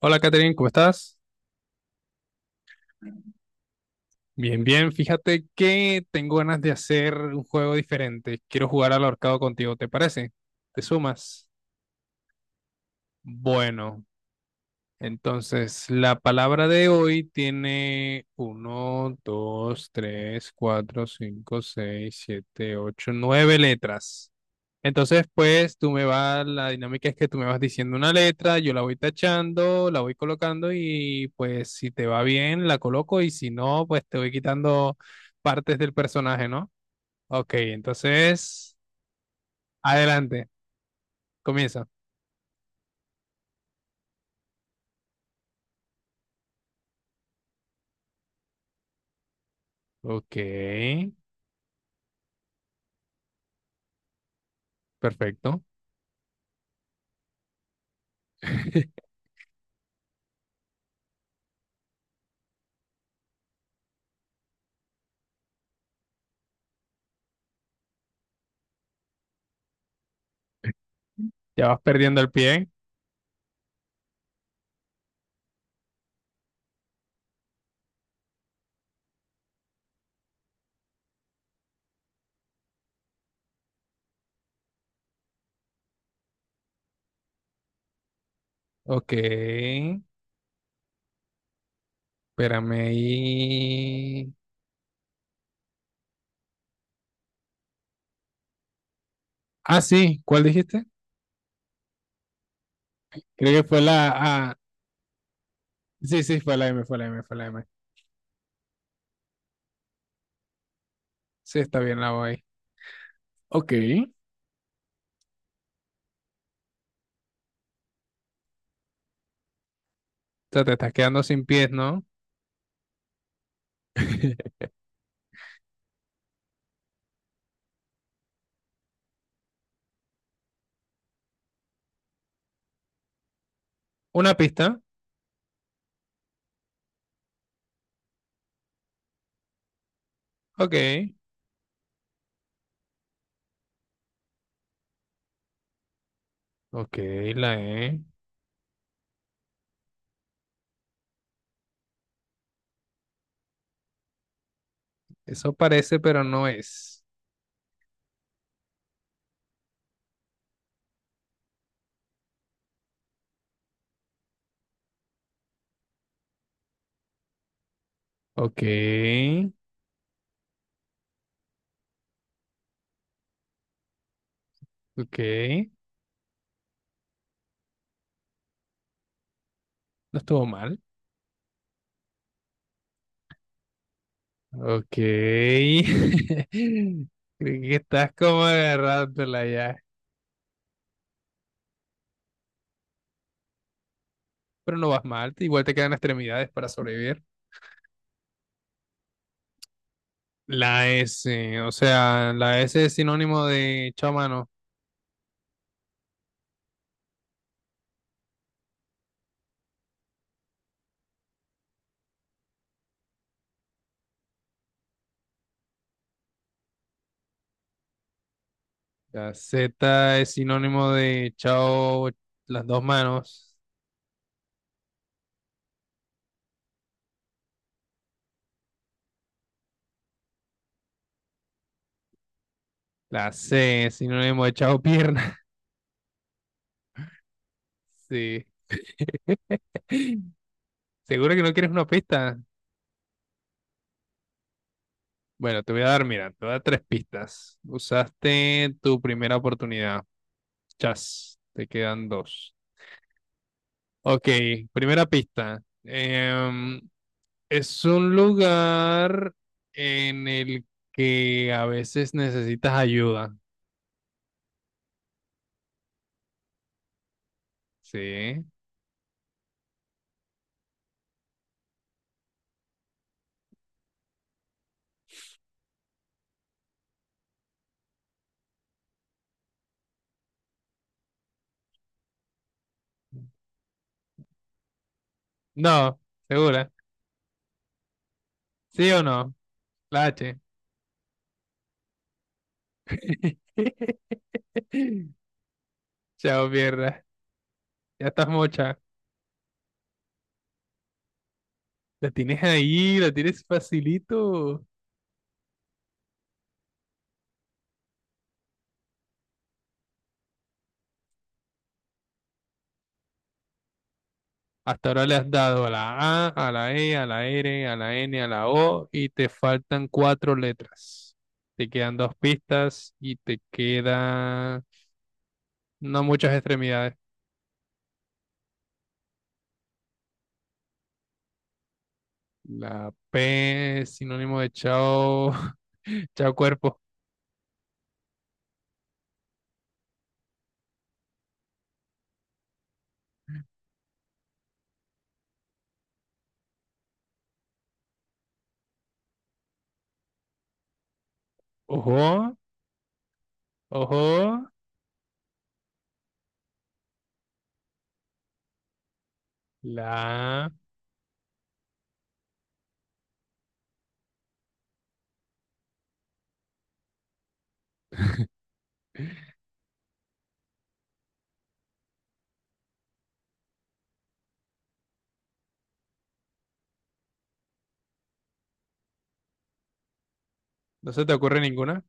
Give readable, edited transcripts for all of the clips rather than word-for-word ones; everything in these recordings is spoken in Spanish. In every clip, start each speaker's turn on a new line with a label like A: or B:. A: Hola Catherine, ¿cómo estás? Bien, bien. Fíjate que tengo ganas de hacer un juego diferente. Quiero jugar al ahorcado contigo, ¿te parece? ¿Te sumas? Bueno, entonces, la palabra de hoy tiene uno, 2, 3, 4, 5, 6, 7, 8, 9 letras. Entonces, pues tú me vas, la dinámica es que tú me vas diciendo una letra, yo la voy tachando, la voy colocando y pues si te va bien, la coloco y si no, pues te voy quitando partes del personaje, ¿no? Ok, entonces, adelante, comienza. Ok, perfecto. Ya vas perdiendo el pie. Ok, espérame ahí. Ah, sí, ¿cuál dijiste? Creo que fue la A. Sí, sí, fue la M, fue la M, fue la M. Sí, está bien la voy. Ok. O sea, te estás quedando sin pies, ¿no? Una pista. Ok. Ok, la E. Eso parece, pero no es. Ok. Ok. No estuvo mal. Ok. Creo que estás como agarrándola ya. Pero no vas mal, igual te quedan extremidades para sobrevivir. La S, o sea, la S es sinónimo de chao mano, la Z es sinónimo de chao las dos manos, la C es sinónimo de chao pierna. Sí. ¿Seguro que no quieres una pista? Bueno, te voy a dar, mira, te voy a dar tres pistas. Usaste tu primera oportunidad. Chas, te quedan dos. Ok, primera pista. Es un lugar en el que a veces necesitas ayuda. Sí. No, segura. ¿Sí o no? La H. Chao, mierda. Ya estás mocha. La tienes ahí, la tienes facilito. Hasta ahora le has dado a la A, a la E, a la R, a la N, a la O y te faltan cuatro letras. Te quedan dos pistas y te quedan no muchas extremidades. La P es sinónimo de chao, chao cuerpo. Ojo, ojo, la A. ¿No se te ocurre ninguna?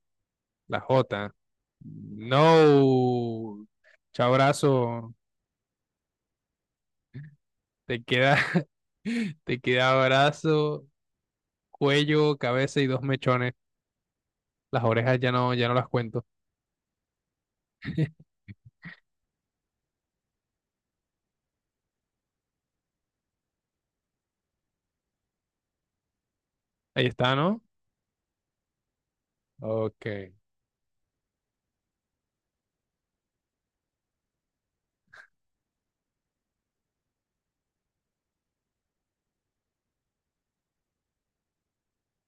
A: La J. No. Chao brazo. Te queda, te queda brazo cuello, cabeza y dos mechones. Las orejas ya no, ya no las cuento. Ahí está, ¿no? Ok.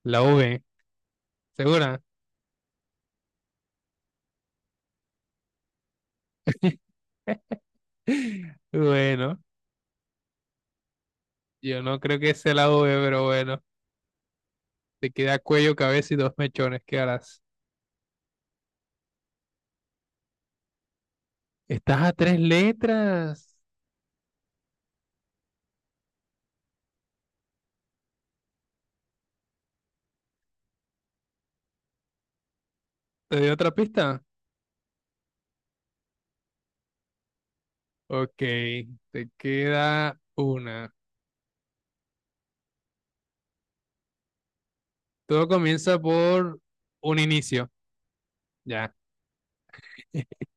A: La V, ¿segura? Bueno, yo no creo que sea la V, pero bueno. Te queda cuello, cabeza y dos mechones. ¿Qué harás? Estás a tres letras. ¿Te doy otra pista? Ok, te queda una. Todo comienza por un inicio. Ya.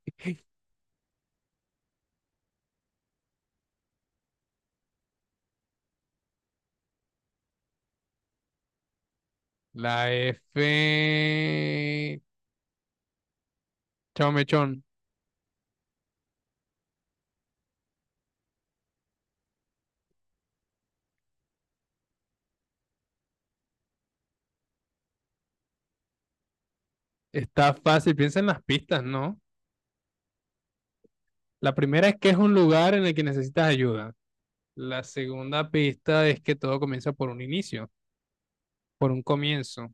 A: La F. Chao, mechón. Está fácil, piensa en las pistas, ¿no? La primera es que es un lugar en el que necesitas ayuda. La segunda pista es que todo comienza por un inicio, por un comienzo.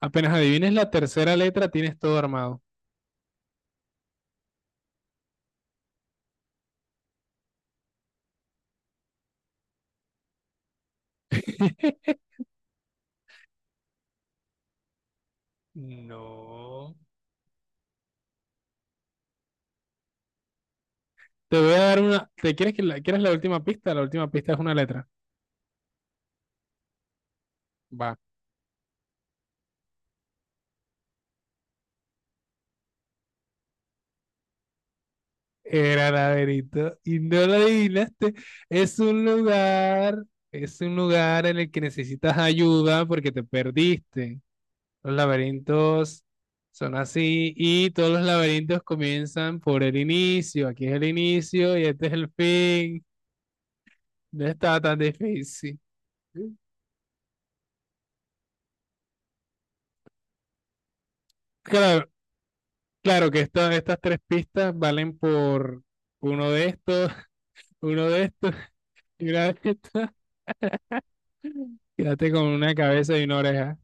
A: Apenas adivines la tercera letra, tienes todo armado. No. Te voy a dar una. ¿Te quieres quieres la última pista? La última pista es una letra. Va. Era laberinto y no lo adivinaste. Es un lugar, es un lugar en el que necesitas ayuda porque te perdiste. Los laberintos son así y todos los laberintos comienzan por el inicio. Aquí es el inicio y este es el fin. No está tan difícil. Claro, claro que estas tres pistas valen por uno de estos, uno de estos y una de estas. Quédate con una cabeza y una oreja.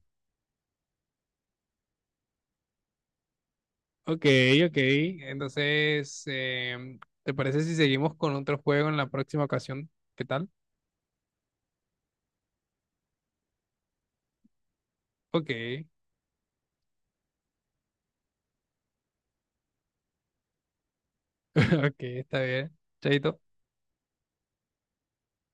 A: Ok, ok. Entonces, em, ¿te parece si seguimos con otro juego en la próxima ocasión? ¿Qué tal? Ok, ok, está bien. Chaito.